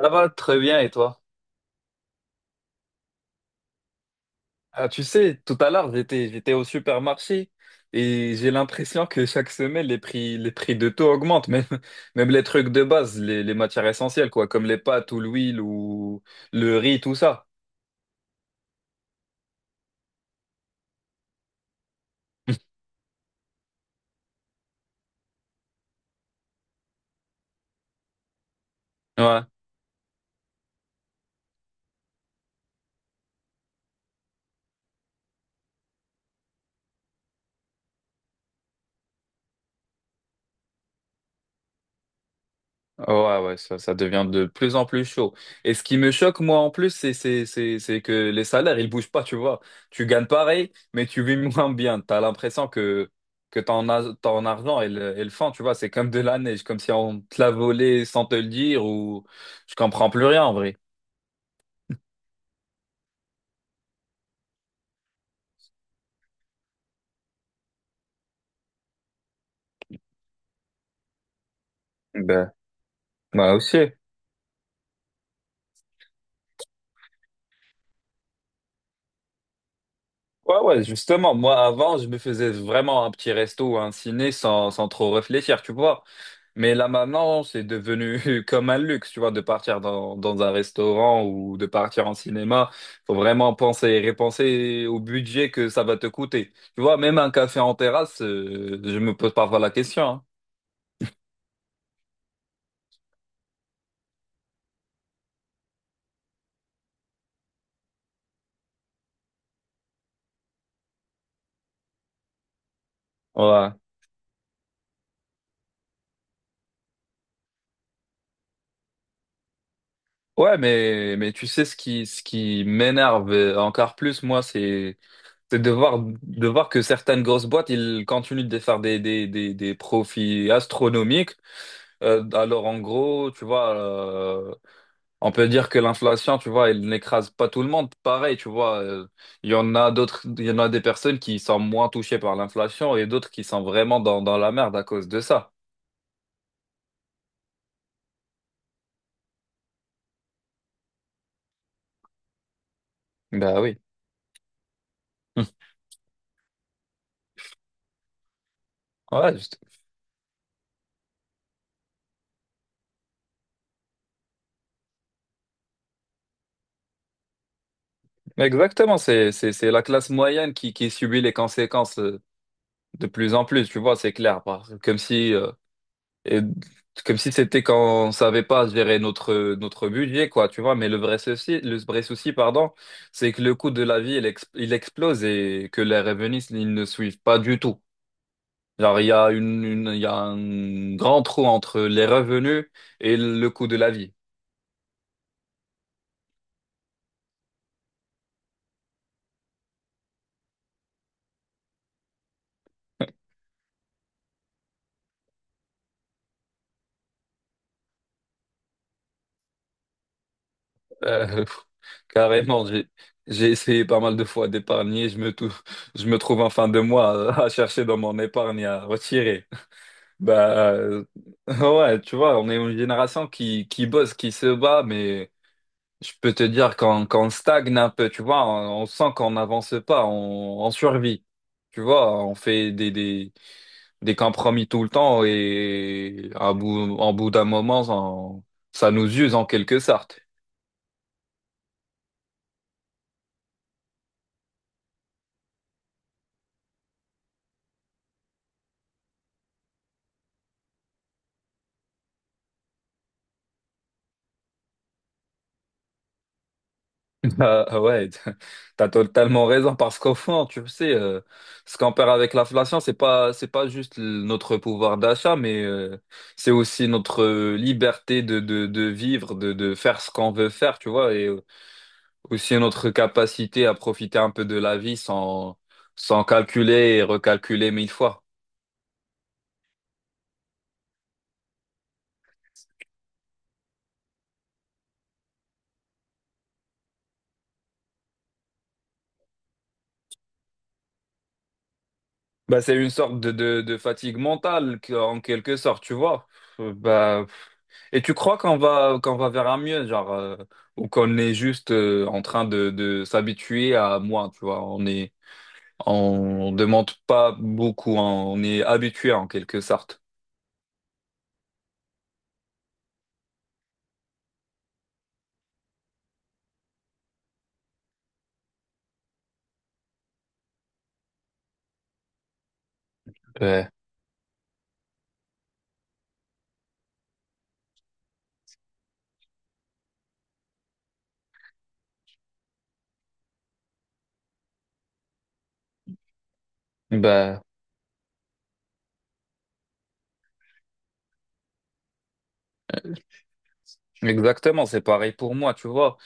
Ça va très bien, et toi? Ah, tu sais, tout à l'heure, j'étais au supermarché et j'ai l'impression que chaque semaine, les prix de tout augmentent, même les trucs de base, les matières essentielles, quoi, comme les pâtes ou l'huile ou le riz, tout ça. Ouais. Ouais, ouais, ça devient de plus en plus chaud. Et ce qui me choque, moi, en plus, c'est que les salaires, ils bougent pas, tu vois. Tu gagnes pareil, mais tu vis moins bien. T'as l'impression que ton, ton argent et le fond, tu vois, c'est comme de la neige, comme si on te l'a volé sans te le dire ou je comprends plus rien, en vrai. Ben, moi aussi. Ouais, ouais, justement, moi avant, je me faisais vraiment un petit resto ou un ciné sans trop réfléchir, tu vois. Mais là maintenant, c'est devenu comme un luxe, tu vois, de partir dans un restaurant ou de partir en cinéma. Faut vraiment penser et repenser au budget que ça va te coûter. Tu vois, même un café en terrasse, je me pose parfois la question, hein. Ouais. Ouais, mais tu sais, ce qui m'énerve encore plus, moi, c'est de voir que certaines grosses boîtes, ils continuent de faire des profits astronomiques. Alors, en gros, tu vois, on peut dire que l'inflation, tu vois, elle n'écrase pas tout le monde. Pareil, tu vois, il y en a d'autres, il y en a des personnes qui sont moins touchées par l'inflation et d'autres qui sont vraiment dans la merde à cause de ça. Bah oui. Hum. Ouais, juste- Exactement, c'est la classe moyenne qui subit les conséquences de plus en plus, tu vois, c'est clair. Comme si, Et comme si c'était quand on savait pas gérer notre notre budget quoi, tu vois. Mais le vrai souci, le vrai souci, pardon, c'est que le coût de la vie il, il explose et que les revenus ils ne suivent pas du tout, genre il y a il y a un grand trou entre les revenus et le coût de la vie. Euh, pff, carrément. J'ai essayé pas mal de fois d'épargner. Je me trouve en fin de mois à chercher dans mon épargne à retirer. Bah, euh, ouais, tu vois, on est une génération qui bosse, qui se bat, mais je peux te dire qu'on stagne un peu, tu vois, on sent qu'on n'avance pas, on survit. Tu vois, on fait des compromis tout le temps et en bout d'un moment, on- ça nous use en quelque sorte. Ouais, t'as totalement raison parce qu'au fond, tu sais, ce qu'on perd avec l'inflation, c'est pas juste notre pouvoir d'achat, mais c'est aussi notre liberté de vivre, de faire ce qu'on veut faire, tu vois, et aussi notre capacité à profiter un peu de la vie sans, sans calculer et recalculer mille fois. Bah, c'est une sorte de fatigue mentale en quelque sorte, tu vois. Euh, Bah, Et tu crois qu'on va vers un mieux, genre, ou qu'on est juste en train de s'habituer à moins, tu vois, on est on demande pas beaucoup, hein, on est habitué en quelque sorte. Ouais. Bah, exactement, c'est pareil pour moi, tu vois.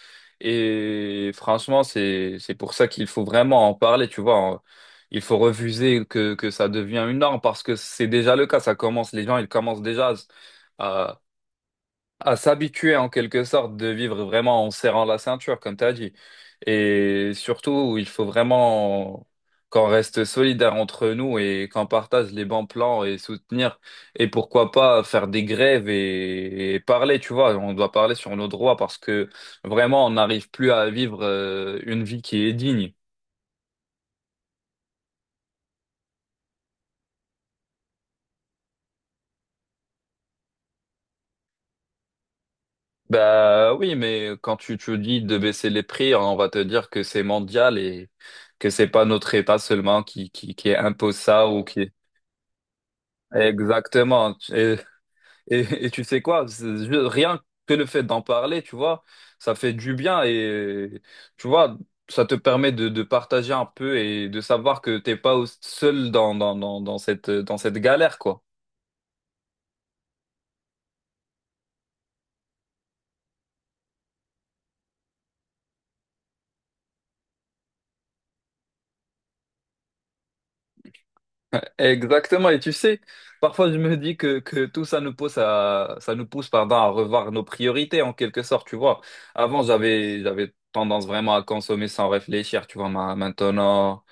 Et franchement, c'est pour ça qu'il faut vraiment en parler, tu vois. Il faut refuser que ça devient une norme parce que c'est déjà le cas, ça commence, les gens ils commencent déjà à à s'habituer en quelque sorte de vivre vraiment en serrant la ceinture, comme tu as dit. Et surtout, il faut vraiment qu'on reste solidaire entre nous et qu'on partage les bons plans et soutenir. Et pourquoi pas faire des grèves et parler, tu vois. On doit parler sur nos droits parce que vraiment, on n'arrive plus à vivre une vie qui est digne. Bah oui, mais quand tu te dis de baisser les prix, on va te dire que c'est mondial et que c'est pas notre État seulement qui impose ça ou qui. Exactement. Et tu sais quoi? Rien que le fait d'en parler, tu vois, ça fait du bien et tu vois, ça te permet de partager un peu et de savoir que t'es pas seul dans cette galère, quoi. Exactement. Et tu sais, parfois je me dis que tout ça nous pousse à, ça nous pousse, pardon, à revoir nos priorités en quelque sorte, tu vois. Avant, j'avais tendance vraiment à consommer sans réfléchir, tu vois, maintenant.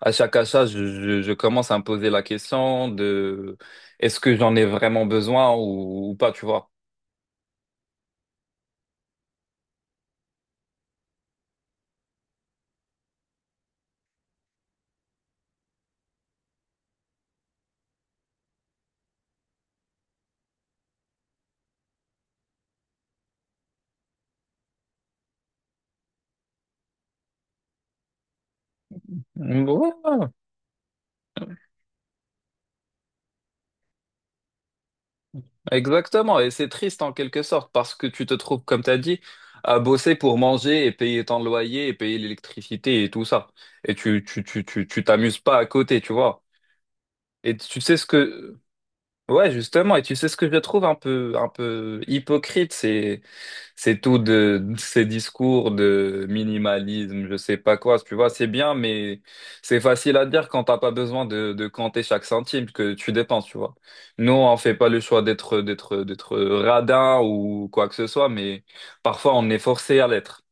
À chaque achat, je commence à me poser la question de est-ce que j'en ai vraiment besoin ou pas, tu vois. Ouais, exactement. Et c'est triste en quelque sorte parce que tu te trouves, comme tu as dit, à bosser pour manger et payer ton loyer et payer l'électricité et tout ça. Et tu t'amuses pas à côté, tu vois. Et tu sais ce que, ouais, justement. Et tu sais ce que je trouve un peu hypocrite, c'est tout de ces discours de minimalisme, je sais pas quoi, tu vois, c'est bien, mais c'est facile à dire quand t'as pas besoin de compter chaque centime que tu dépenses, tu vois. Nous, on fait pas le choix d'être radin ou quoi que ce soit, mais parfois on est forcé à l'être.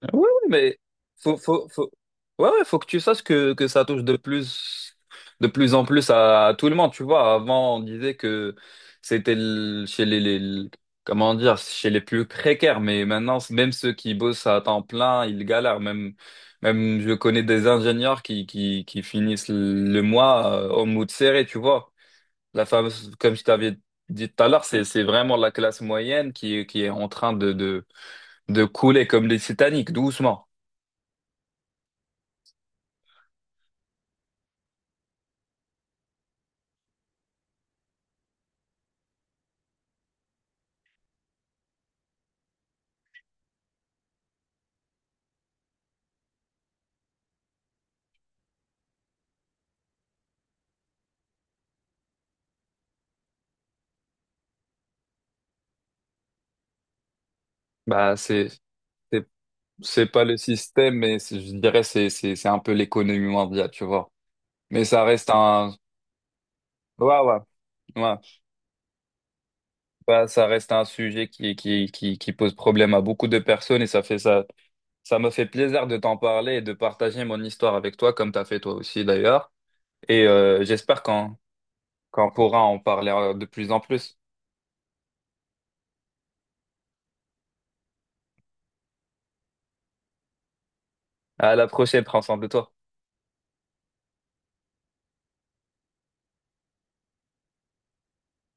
Oui, oui, mais faut... Ouais, ouais, faut que tu saches que ça touche de plus en plus à tout le monde, tu vois. Avant, on disait que c'était chez comment dire, chez les plus précaires, mais maintenant, même ceux qui bossent à temps plein, ils galèrent. Même je connais des ingénieurs qui finissent le mois au mood serré, tu vois. La fameuse, comme je t'avais dit tout à l'heure, c'est vraiment la classe moyenne qui est en train de couler comme les Titanic, doucement. Bah, c'est, c'est c'est pas le système, mais je dirais c'est un peu l'économie mondiale, tu vois. Mais ça reste un, ouais, ouais, ouais. Bah, ça reste un sujet qui pose problème à beaucoup de personnes et ça fait ça, ça me fait plaisir de t'en parler et de partager mon histoire avec toi, comme t'as fait toi aussi d'ailleurs. Et j'espère qu'on pourra en parler de plus en plus. À la prochaine, prends soin de toi.